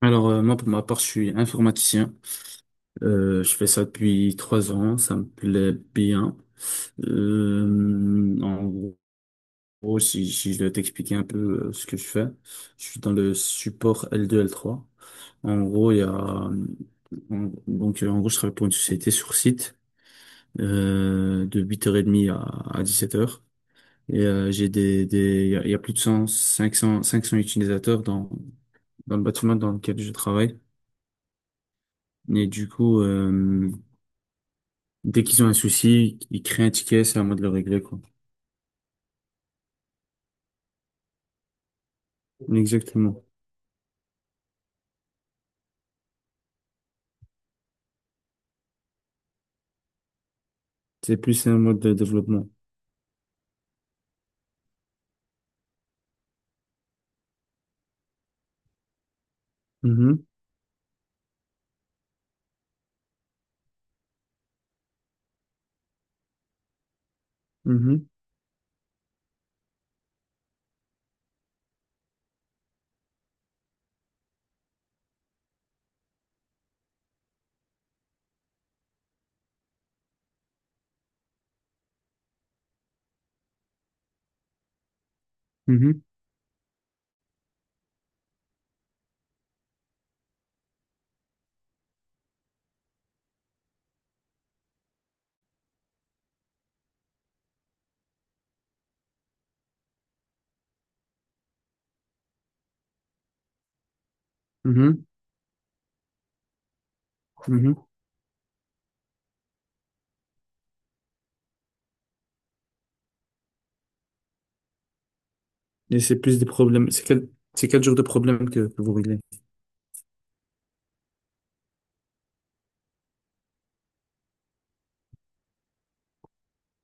Alors, moi, pour ma part, je suis informaticien. Je fais ça depuis 3 ans. Ça me plaît bien. En gros, si je dois t'expliquer un peu ce que je fais, je suis dans le support L2, L3. En gros, il y a, en- donc, En gros, je travaille pour une société sur site, de 8h30 à 7 heures. Et j'ai des, il y a, Il y a plus de 100, 500, utilisateurs dans le bâtiment dans lequel je travaille. Et du coup, euh, Dès qu'ils ont un souci, ils créent un ticket, c'est à moi de le régler, quoi. Exactement. C'est plus un mode de développement. Mhm, mhm, mhm, mhm, mhm. Et c'est plus des problèmes. C'est quel genre de problème que vous réglez?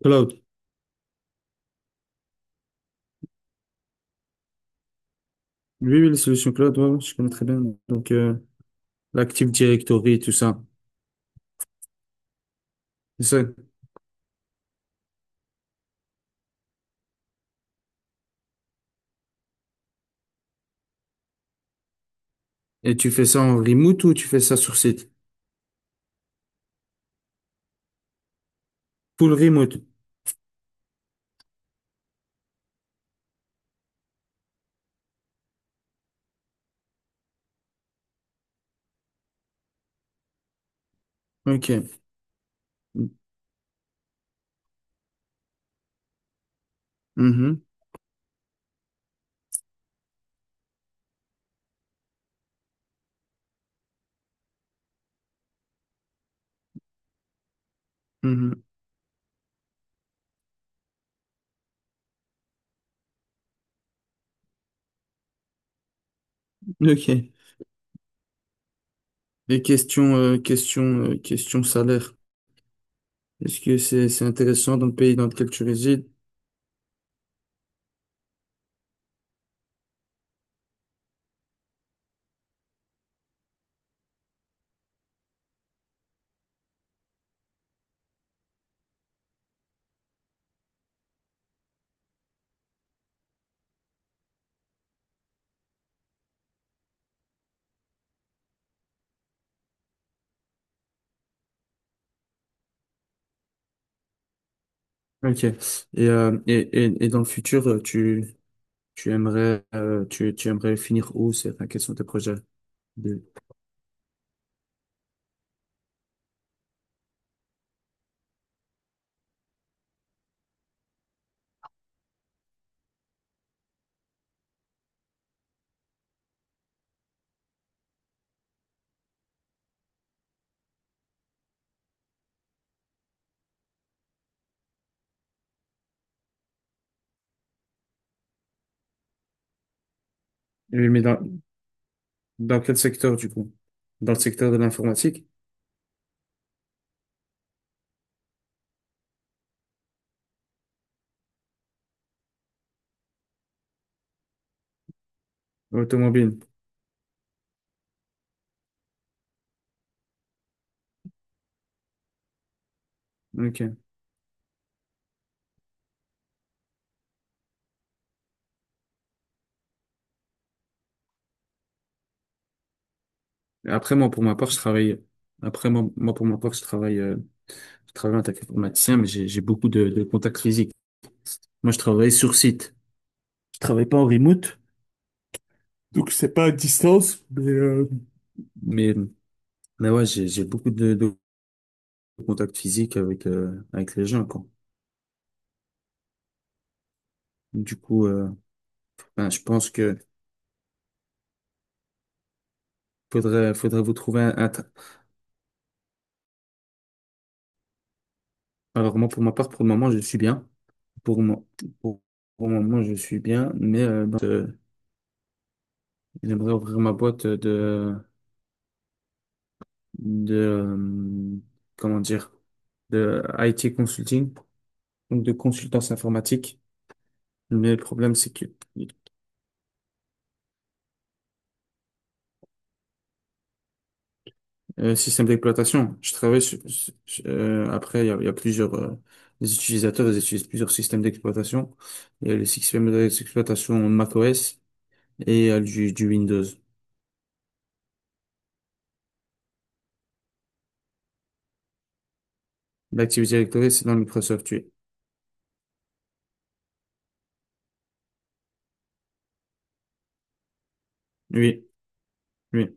Cloud. Oui, oui, les solutions cloud, ouais, ouais, je connais très bien. Donc, euh, L'Active Directory, tout ça. C'est ça. Et tu fais ça en remote ou tu fais ça sur site? Full remote. OK. Mhm, mhm. OK. Et question salaire. Est-ce que c'est intéressant dans le pays dans lequel tu résides? Ok. Euh, et, et dans le futur, tu aimerais, tu aimerais finir où? C'est, enfin, quels sont tes projets? de- Oui, mais dans quel secteur, du coup? Dans le secteur de l'informatique? Automobile. Ok. Après, moi, pour ma part, je travaille, après, moi, moi, pour ma part, je travaille en tant qu'informaticien, mais j'ai beaucoup de, contacts physiques. Moi, je travaille sur site. Je travaille pas en remote. Donc, c'est pas à distance, mais Mais ouais, j'ai beaucoup de, contact physique avec avec les gens quoi. Du coup, euh, ben, je pense que faudrait vous trouver un. Alors moi pour ma part pour le moment je suis bien. Pour moi pour, pour le moment je suis bien, mais j'aimerais ouvrir ma boîte de de euh, comment dire, de IT consulting, donc de consultance informatique. Mais le problème c'est que. Système d'exploitation. Je travaille après, il y a plusieurs les utilisateurs, ils utilisent plusieurs systèmes d'exploitation. Il y a le système d'exploitation macOS et il y a du Windows. L'Active Directory, c'est dans Microsoft, oui. Oui, oui.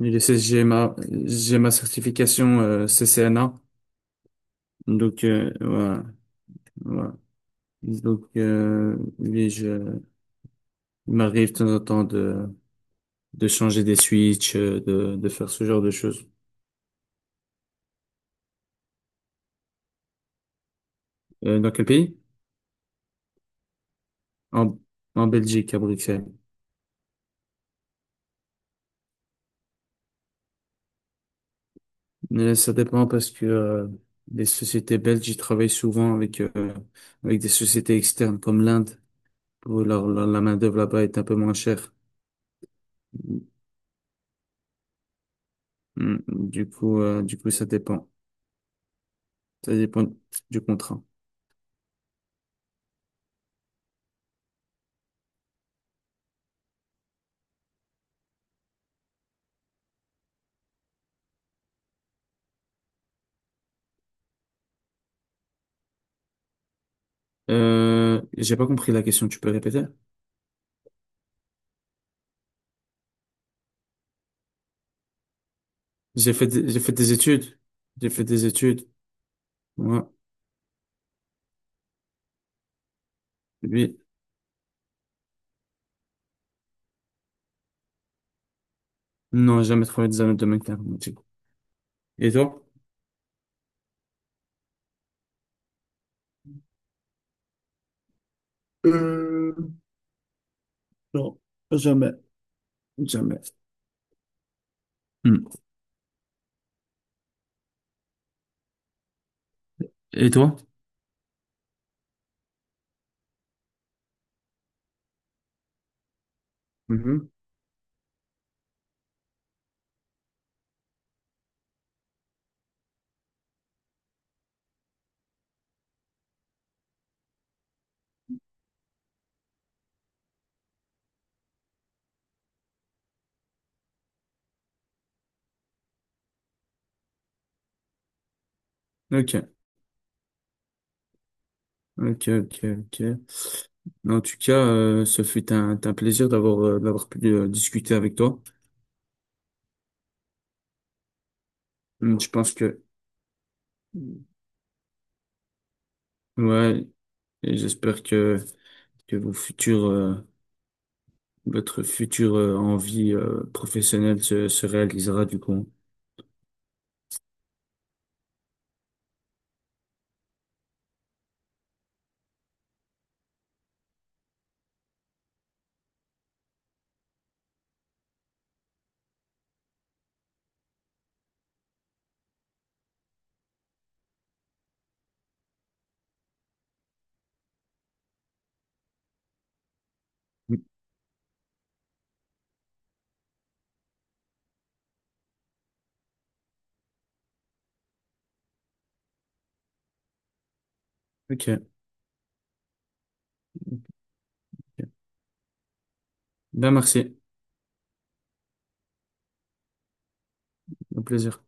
Il est j'ai ma certification CCNA. Voilà, voilà. Oui, il m'arrive de temps en temps de changer des switches, de faire ce genre de choses. Dans quel pays? En, En Belgique, à Bruxelles. Mais ça dépend parce que les sociétés belges, ils travaillent souvent avec, avec des sociétés externes comme l'Inde, où la main-d'œuvre là-bas est un peu moins chère. Mm. Du coup, ça dépend. Ça dépend du contrat. J'ai pas compris la question, tu peux répéter? J'ai fait des études. J'ai fait des études. Ouais. Oui. Non, j'ai jamais travaillé dans un autre domaine qu'informatique. Et toi? Euh, non, jamais, jamais. Mm. Et toi? Mhm. Ok, ok, ok, ok. En tout cas, ce fut un plaisir d'avoir d'avoir pu discuter avec toi. Je pense que ouais, et j'espère que vos futurs votre future envie professionnelle se réalisera du coup. Hum, Ok. Ok. Ben merci, au plaisir.